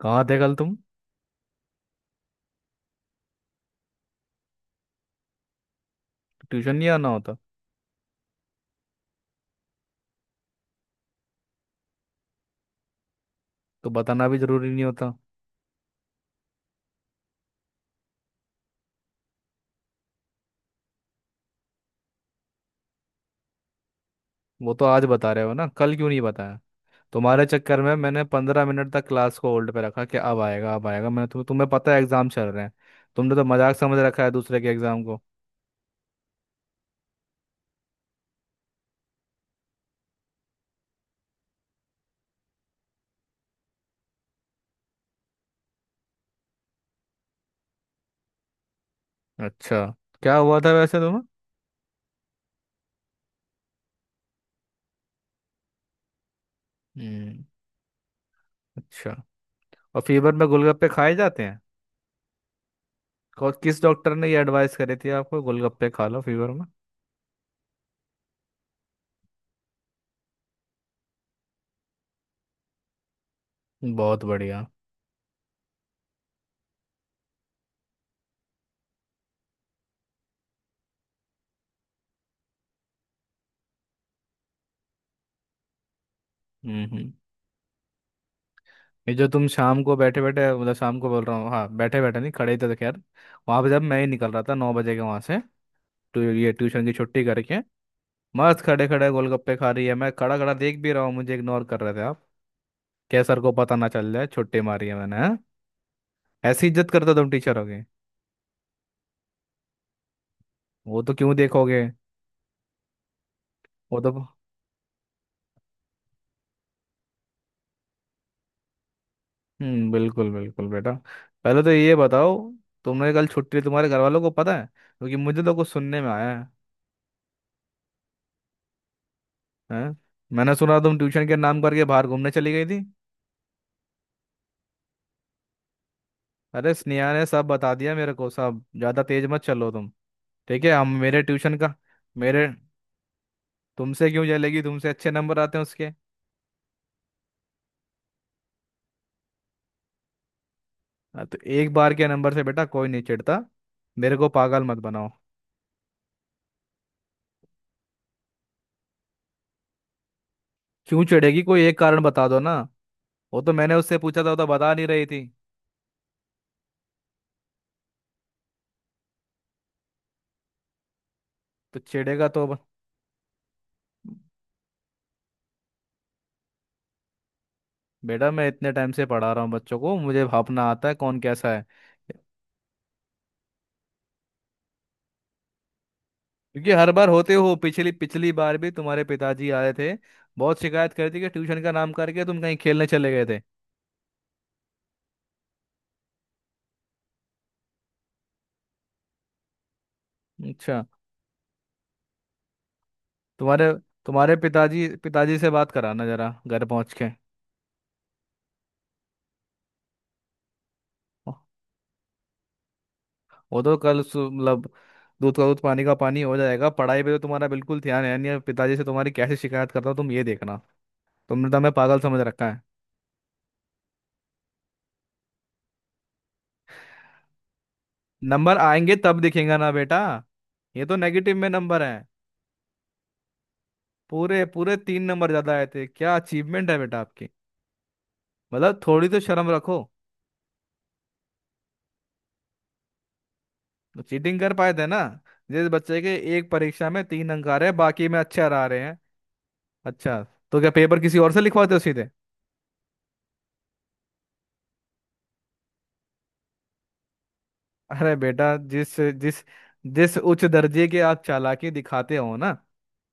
कहाँ थे कल तुम। ट्यूशन नहीं आना होता? तो बताना भी जरूरी नहीं होता? वो तो आज बता रहे हो ना, कल क्यों नहीं बताया। तुम्हारे चक्कर में मैंने 15 मिनट तक क्लास को होल्ड पे रखा कि अब आएगा अब आएगा। मैंने तुम्हें तुम्हें पता है एग्जाम चल रहे हैं। तुमने तो मजाक समझ रखा है दूसरे के एग्जाम को। अच्छा, क्या हुआ था वैसे तुम्हें? हम्म। अच्छा। और फीवर में गोलगप्पे खाए जाते हैं? किस डॉक्टर ने ये एडवाइस करी थी आपको, गोलगप्पे खा लो फीवर में? बहुत बढ़िया। हम्म। ये जो तुम शाम को बैठे बैठे, मतलब शाम को बोल रहा हूँ, हाँ, बैठे बैठे नहीं, खड़े ही थे तो खैर। वहाँ पे जब मैं ही निकल रहा था 9 बजे के वहाँ से, तो ये ट्यूशन की छुट्टी करके मस्त खड़े खड़े गोलगप्पे खा रही है, मैं खड़ा खड़ा देख भी रहा हूँ, मुझे इग्नोर कर रहे थे आप। क्या सर को पता ना चल जाए छुट्टी मारी है मैंने, हाँ? ऐसी इज्जत करते तुम टीचर होगे। वो तो क्यों देखोगे। वो तो बिल्कुल बिल्कुल बेटा। पहले तो ये बताओ, तुमने कल छुट्टी तुम्हारे घर वालों को पता है, क्योंकि मुझे तो कुछ सुनने में आया है। हैं? मैंने सुना तुम ट्यूशन के नाम करके बाहर घूमने चली गई थी। अरे स्नेहा ने सब बता दिया मेरे को सब, ज्यादा तेज मत चलो तुम। ठीक है, हम मेरे ट्यूशन का मेरे, तुमसे क्यों जलेगी, तुमसे अच्छे नंबर आते हैं उसके। हाँ, तो एक बार के नंबर से बेटा कोई नहीं चिढ़ता। मेरे को पागल मत बनाओ। क्यों चिढ़ेगी, कोई एक कारण बता दो ना। वो तो मैंने उससे पूछा था, वो तो बता नहीं रही थी। तो चिढ़ेगा तो बेटा, मैं इतने टाइम से पढ़ा रहा हूँ बच्चों को, मुझे भापना आता है कौन कैसा है। क्योंकि हर बार होते हो, पिछली पिछली बार भी तुम्हारे पिताजी आए थे, बहुत शिकायत करती कि ट्यूशन का नाम करके तुम कहीं खेलने चले गए थे। अच्छा। तुम्हारे तुम्हारे पिताजी पिताजी से बात कराना जरा, घर पहुंच के। वो तो कल मतलब दूध का दूध पानी का पानी हो जाएगा, पढ़ाई पे तो तुम्हारा बिल्कुल ध्यान है नहीं, पिताजी से तुम्हारी कैसे शिकायत करता हूँ तुम ये देखना। तुमने तो हमें पागल समझ रखा है। नंबर आएंगे तब दिखेगा ना बेटा, ये तो नेगेटिव में नंबर है। पूरे पूरे 3 नंबर ज्यादा आए थे, क्या अचीवमेंट है बेटा आपकी। मतलब थोड़ी तो शर्म रखो। चीटिंग कर पाए थे ना, जिस बच्चे के एक परीक्षा में 3 अंक आ रहे हैं बाकी में अच्छे आ रहे हैं। अच्छा, तो क्या पेपर किसी और से लिखवाते हो सीधे? अरे बेटा, जिस जिस जिस उच्च दर्जे के आप चालाकी दिखाते हो ना,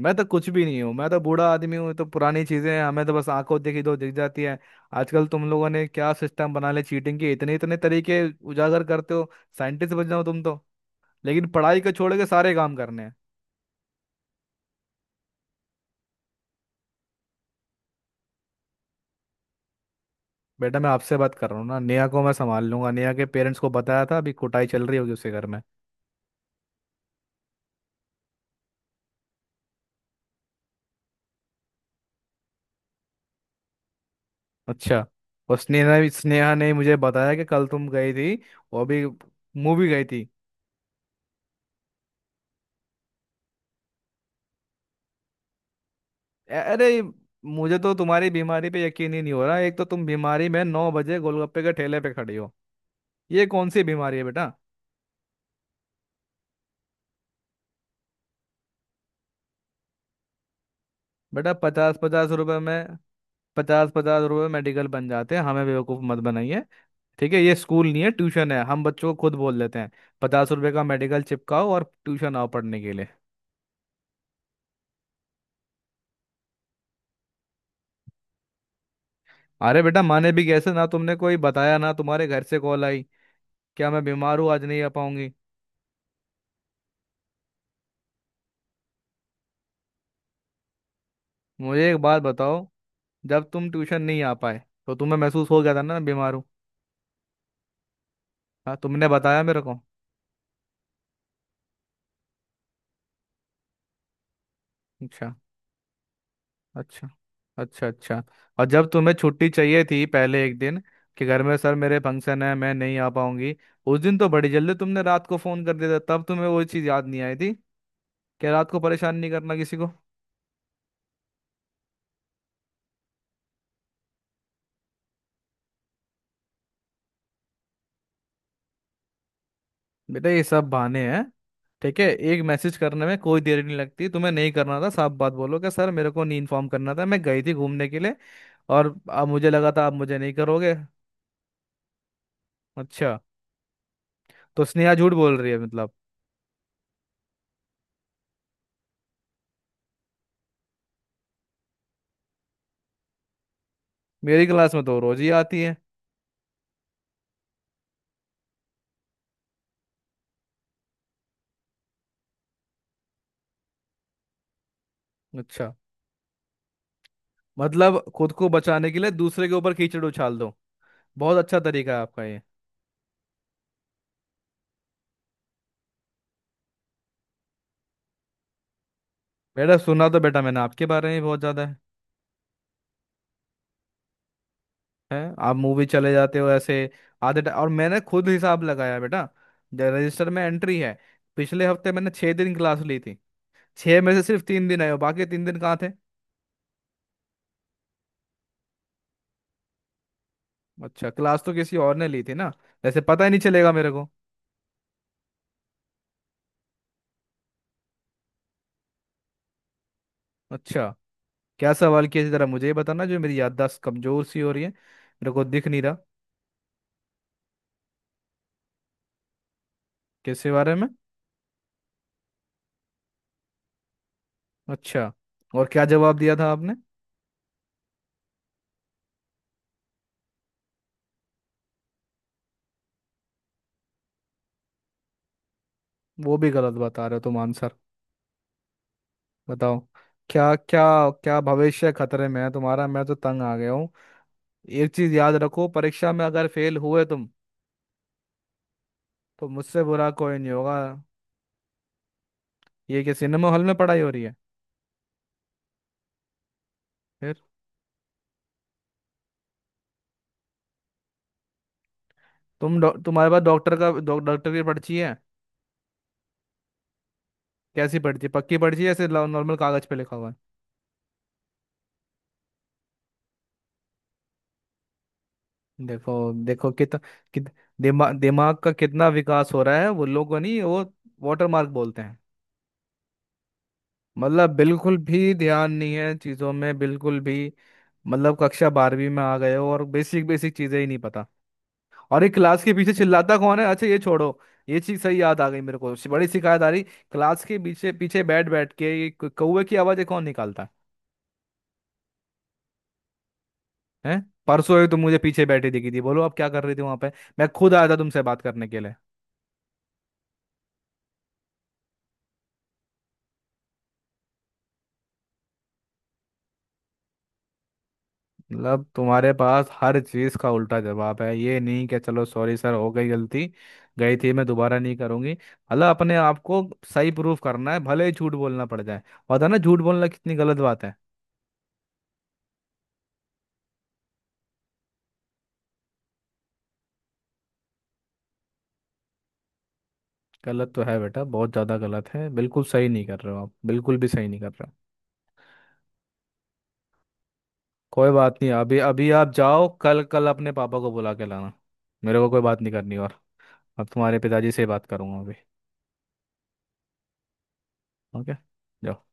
मैं तो कुछ भी नहीं हूँ, मैं तो बूढ़ा आदमी हूँ, तो पुरानी चीजें हैं, हमें तो बस आंखों देखी दो दिख जाती है। आजकल तुम लोगों ने क्या सिस्टम बना ले, चीटिंग के इतने इतने तरीके उजागर करते हो, साइंटिस्ट बन जाओ तुम तो, लेकिन पढ़ाई को छोड़ के सारे काम करने हैं। बेटा मैं आपसे बात कर रहा हूँ ना, नेहा को मैं संभाल लूंगा, नेहा के पेरेंट्स को बताया था, अभी कुटाई चल रही होगी उसके घर में। अच्छा, और स्नेहा भी, स्नेहा ने मुझे बताया कि कल तुम गई थी, वो भी मूवी गई थी। अरे मुझे तो तुम्हारी बीमारी पे यकीन ही नहीं हो रहा, एक तो तुम बीमारी में 9 बजे गोलगप्पे के ठेले पे खड़ी हो, ये कौन सी बीमारी है बेटा। बेटा, पचास पचास रुपए में मेडिकल बन जाते हैं, हमें बेवकूफ़ मत बनाइए। ठीक है, ये स्कूल नहीं है, ट्यूशन है, हम बच्चों को खुद बोल देते हैं, ₹50 का मेडिकल चिपकाओ और ट्यूशन आओ पढ़ने के लिए। अरे बेटा माने भी कैसे ना, तुमने कोई बताया, ना तुम्हारे घर से कॉल आई, क्या मैं बीमार हूँ आज नहीं आ पाऊंगी। मुझे एक बात बताओ, जब तुम ट्यूशन नहीं आ पाए तो तुम्हें महसूस हो गया था ना मैं बीमार हूँ, हाँ तुमने बताया मेरे को? अच्छा, अच्छा, अच्छा, अच्छा। और जब तुम्हें छुट्टी चाहिए थी पहले एक दिन, कि घर में सर मेरे फंक्शन है मैं नहीं आ पाऊंगी, उस दिन तो बड़ी जल्दी तुमने रात को फोन कर दिया था, तब तुम्हें वो चीज़ याद नहीं आई थी कि रात को परेशान नहीं करना किसी को। बेटा ये सब बहाने हैं, ठीक है, एक मैसेज करने में कोई देर नहीं लगती, तुम्हें नहीं करना था, साफ बात बोलो कि सर मेरे को नहीं इन्फॉर्म करना था, मैं गई थी घूमने के लिए, और अब मुझे लगा था आप मुझे नहीं करोगे। अच्छा, तो स्नेहा झूठ बोल रही है, मतलब मेरी क्लास में तो रोज ही आती है। अच्छा, मतलब खुद को बचाने के लिए दूसरे के ऊपर कीचड़ उछाल दो, बहुत अच्छा तरीका है आपका ये। बेटा, सुना तो बेटा मैंने आपके बारे में बहुत ज्यादा है, है? आप मूवी चले जाते हो ऐसे आधे और मैंने खुद हिसाब लगाया बेटा, रजिस्टर में एंट्री है। पिछले हफ्ते मैंने 6 दिन क्लास ली थी, छह में से सिर्फ 3 दिन आए हो, बाकी 3 दिन कहाँ थे? अच्छा, क्लास तो किसी और ने ली थी ना, जैसे पता ही नहीं चलेगा मेरे को। अच्छा, क्या सवाल किया थी जरा मुझे ये बताना, जो मेरी याददाश्त कमजोर सी हो रही है मेरे को दिख नहीं रहा। किसके बारे में? अच्छा, और क्या जवाब दिया था आपने? वो भी गलत बता रहे हो तुम आंसर, बताओ, क्या? क्या? क्या भविष्य खतरे में है तुम्हारा, मैं तो तंग आ गया हूँ। एक चीज याद रखो, परीक्षा में अगर फेल हुए तुम तो मुझसे बुरा कोई नहीं होगा। ये क्या सिनेमा हॉल में पढ़ाई हो रही है? फिर? तुम तुम्हारे पास डॉक्टर का डॉक्टर की पर्ची है? कैसी पर्ची, पक्की पर्ची है, ऐसे नॉर्मल कागज पे लिखा हुआ है? देखो देखो कितना कित, दिमाग का कितना विकास हो रहा है, वो लोगों नहीं, वो वाटर मार्क बोलते हैं। मतलब बिल्कुल भी ध्यान नहीं है चीज़ों में, बिल्कुल भी। मतलब कक्षा 12वीं में आ गए हो और बेसिक बेसिक चीज़ें ही नहीं पता। और ये क्लास के पीछे चिल्लाता कौन है, अच्छा ये छोड़ो। ये चीज़ सही याद आ गई मेरे को, बड़ी शिकायत आ रही। क्लास के पीछे पीछे बैठ बैठ के ये कौवे की आवाज़ें कौन निकालता है? हैं? परसों ही तुम मुझे पीछे बैठी दिखी थी, बोलो अब क्या कर रही थी वहां पे, मैं खुद आया था तुमसे बात करने के लिए। मतलब तुम्हारे पास हर चीज का उल्टा जवाब है, ये नहीं कि चलो सॉरी सर हो गई गलती, गई थी मैं दोबारा नहीं करूंगी, मतलब अपने आप को सही प्रूफ करना है भले ही झूठ बोलना पड़ जाए। पता है ना झूठ बोलना कितनी गलत बात है, गलत तो है बेटा, बहुत ज्यादा गलत है, बिल्कुल सही नहीं कर रहे हो आप, बिल्कुल भी सही नहीं कर रहे हो। कोई बात नहीं, अभी अभी आप जाओ, कल कल अपने पापा को बुला के लाना, मेरे को कोई बात नहीं करनी, और अब तुम्हारे पिताजी से ही बात करूंगा अभी। ओके, जाओ।